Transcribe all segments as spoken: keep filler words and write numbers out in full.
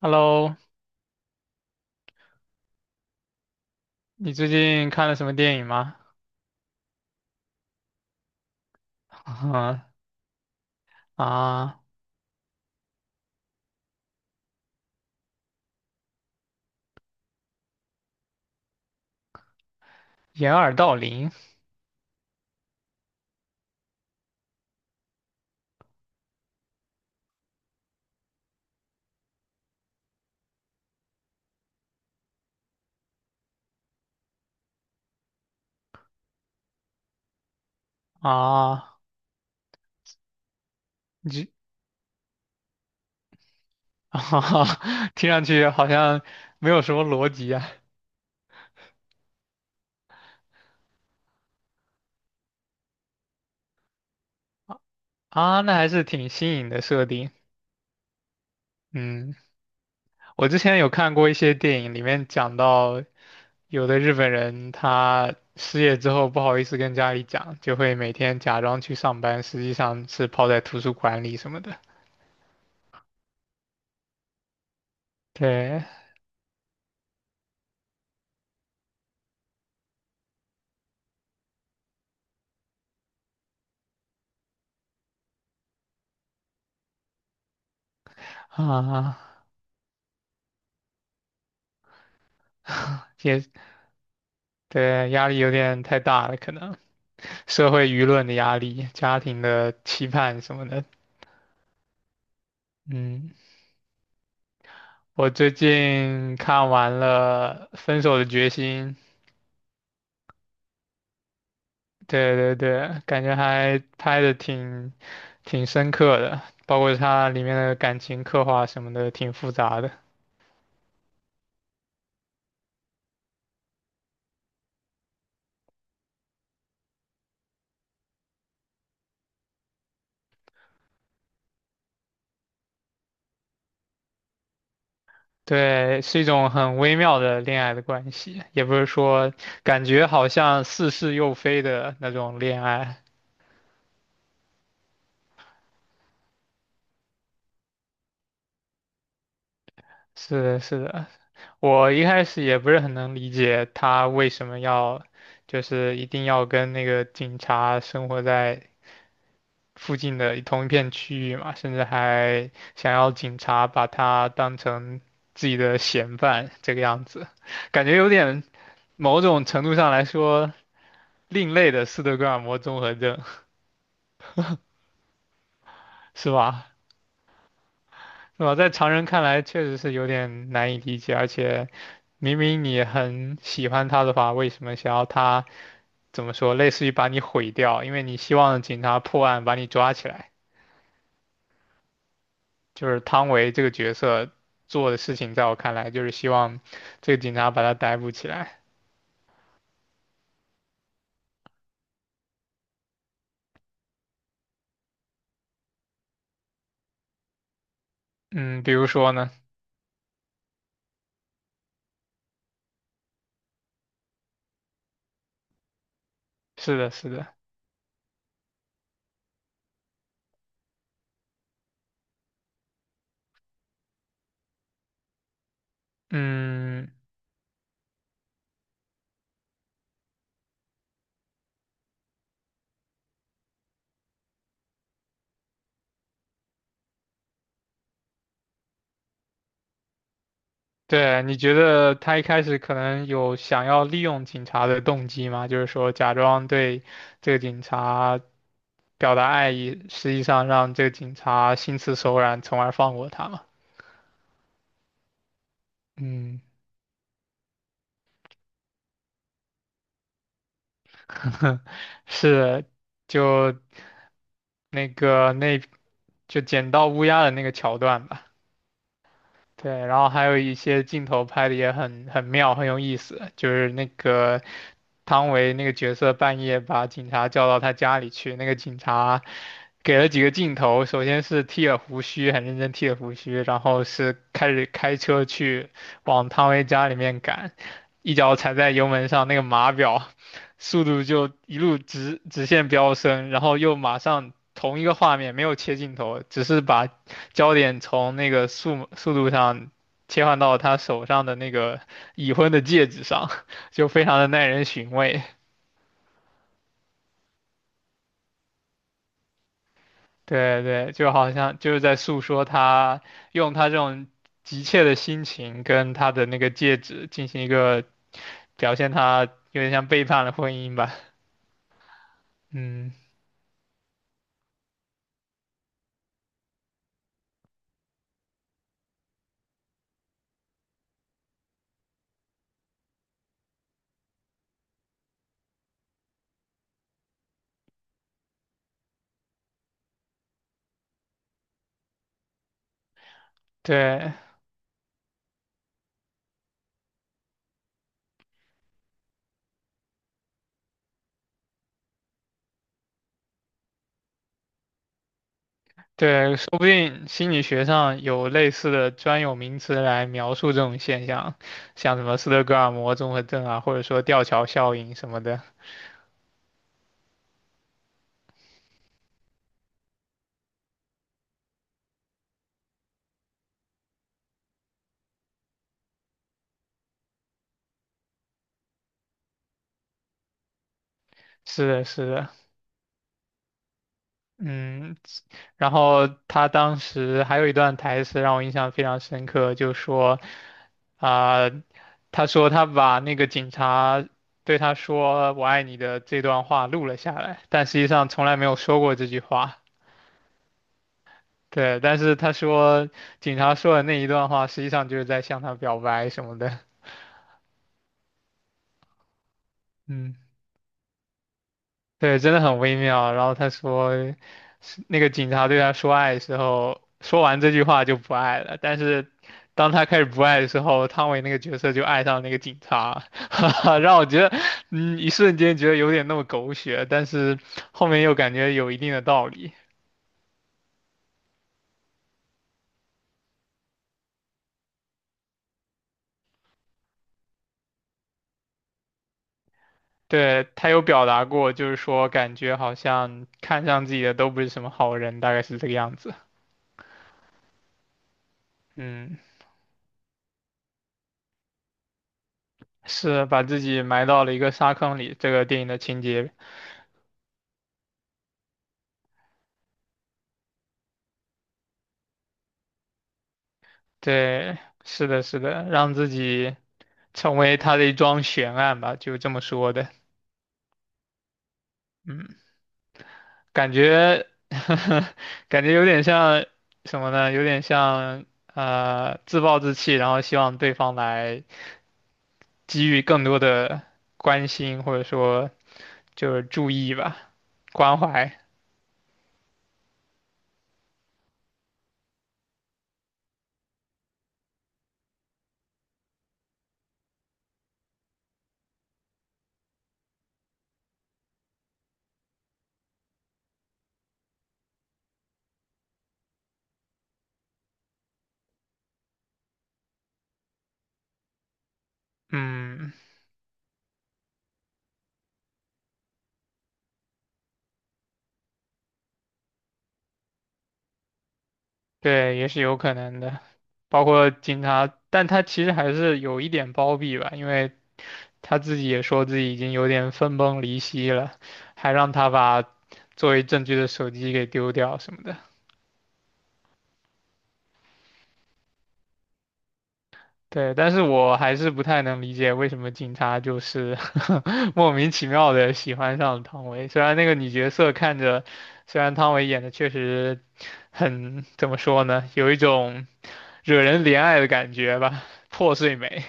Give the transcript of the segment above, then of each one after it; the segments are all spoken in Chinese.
Hello，你最近看了什么电影吗？啊，掩耳盗铃啊，你这 啊听上去好像没有什么逻辑啊。啊，那还是挺新颖的设定。嗯，我之前有看过一些电影，里面讲到有的日本人他失业之后不好意思跟家里讲，就会每天假装去上班，实际上是泡在图书馆里什么的。对 啊，也对，压力有点太大了，可能。社会舆论的压力、家庭的期盼什么的。嗯，我最近看完了《分手的决心》，对对对，感觉还拍的挺挺深刻的，包括它里面的感情刻画什么的，挺复杂的。对，是一种很微妙的恋爱的关系，也不是说感觉好像似是又非的那种恋爱。是的，是的，我一开始也不是很能理解他为什么要，就是一定要跟那个警察生活在附近的一同一片区域嘛，甚至还想要警察把他当成自己的嫌犯这个样子，感觉有点某种程度上来说另类的斯德哥尔摩综合症，是吧？是吧？在常人看来确实是有点难以理解，而且明明你很喜欢他的话，为什么想要他？怎么说，类似于把你毁掉，因为你希望警察破案把你抓起来。就是汤唯这个角色做的事情，在我看来就是希望这个警察把他逮捕起来。嗯，比如说呢，是的，是的，嗯，对，你觉得他一开始可能有想要利用警察的动机吗？就是说假装对这个警察表达爱意，实际上让这个警察心慈手软，从而放过他嘛？嗯，是，就。那个那就捡到乌鸦的那个桥段吧。对，然后还有一些镜头拍的也很很妙，很有意思，就是那个汤唯那个角色半夜把警察叫到他家里去，那个警察给了几个镜头，首先是剃了胡须，很认真剃了胡须，然后是开始开车去往汤唯家里面赶，一脚踩在油门上，那个码表速度就一路直直线飙升，然后又马上同一个画面没有切镜头，只是把焦点从那个速速度上切换到他手上的那个已婚的戒指上，就非常的耐人寻味。对对，就好像就是在诉说他用他这种急切的心情跟他的那个戒指进行一个表现，他有点像背叛了婚姻吧。嗯，对对，说不定心理学上有类似的专有名词来描述这种现象，像什么斯德哥尔摩综合症啊，或者说吊桥效应什么的。是的，是的，嗯，然后他当时还有一段台词让我印象非常深刻，就说，啊、他说他把那个警察对他说"我爱你"的这段话录了下来，但实际上从来没有说过这句话。对，但是他说警察说的那一段话，实际上就是在向他表白什么的。嗯。对，真的很微妙。然后他说，是那个警察对他说爱的时候，说完这句话就不爱了。但是当他开始不爱的时候，汤唯那个角色就爱上那个警察，让我觉得，嗯，一瞬间觉得有点那么狗血，但是后面又感觉有一定的道理。对，他有表达过，就是说感觉好像看上自己的都不是什么好人，大概是这个样子。嗯，是把自己埋到了一个沙坑里，这个电影的情节。对，是的，是的，让自己成为他的一桩悬案吧，就这么说的。嗯，感觉，感觉有点像什么呢？有点像呃自暴自弃，然后希望对方来给予更多的关心，或者说就是注意吧，关怀。嗯。对，也是有可能的，包括警察，但他其实还是有一点包庇吧，因为他自己也说自己已经有点分崩离析了，还让他把作为证据的手机给丢掉什么的。对，但是我还是不太能理解为什么警察就是 莫名其妙的喜欢上了汤唯。虽然那个女角色看着，虽然汤唯演的确实很，怎么说呢，有一种惹人怜爱的感觉吧，破碎美。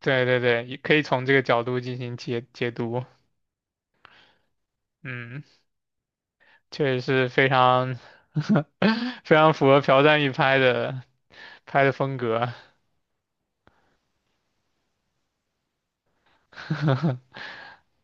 对对对，也可以从这个角度进行解解读。嗯，确实是非常 非常符合朴赞郁拍的拍的风格。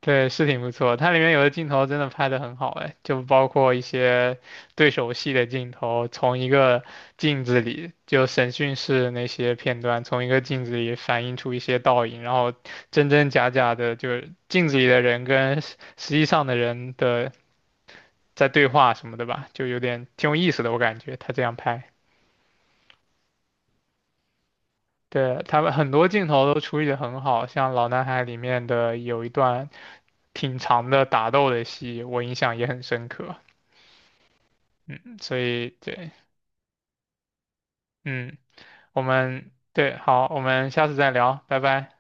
对，是挺不错。它里面有的镜头真的拍得很好，哎，就包括一些对手戏的镜头，从一个镜子里，就审讯室那些片段，从一个镜子里反映出一些倒影，然后真真假假的，就是镜子里的人跟实实际上的人的在对话什么的吧，就有点挺有意思的，我感觉他这样拍。对，他们很多镜头都处理得很好，像《老男孩》里面的有一段挺长的打斗的戏，我印象也很深刻。嗯，所以对，嗯，我们对，好，我们下次再聊，拜拜。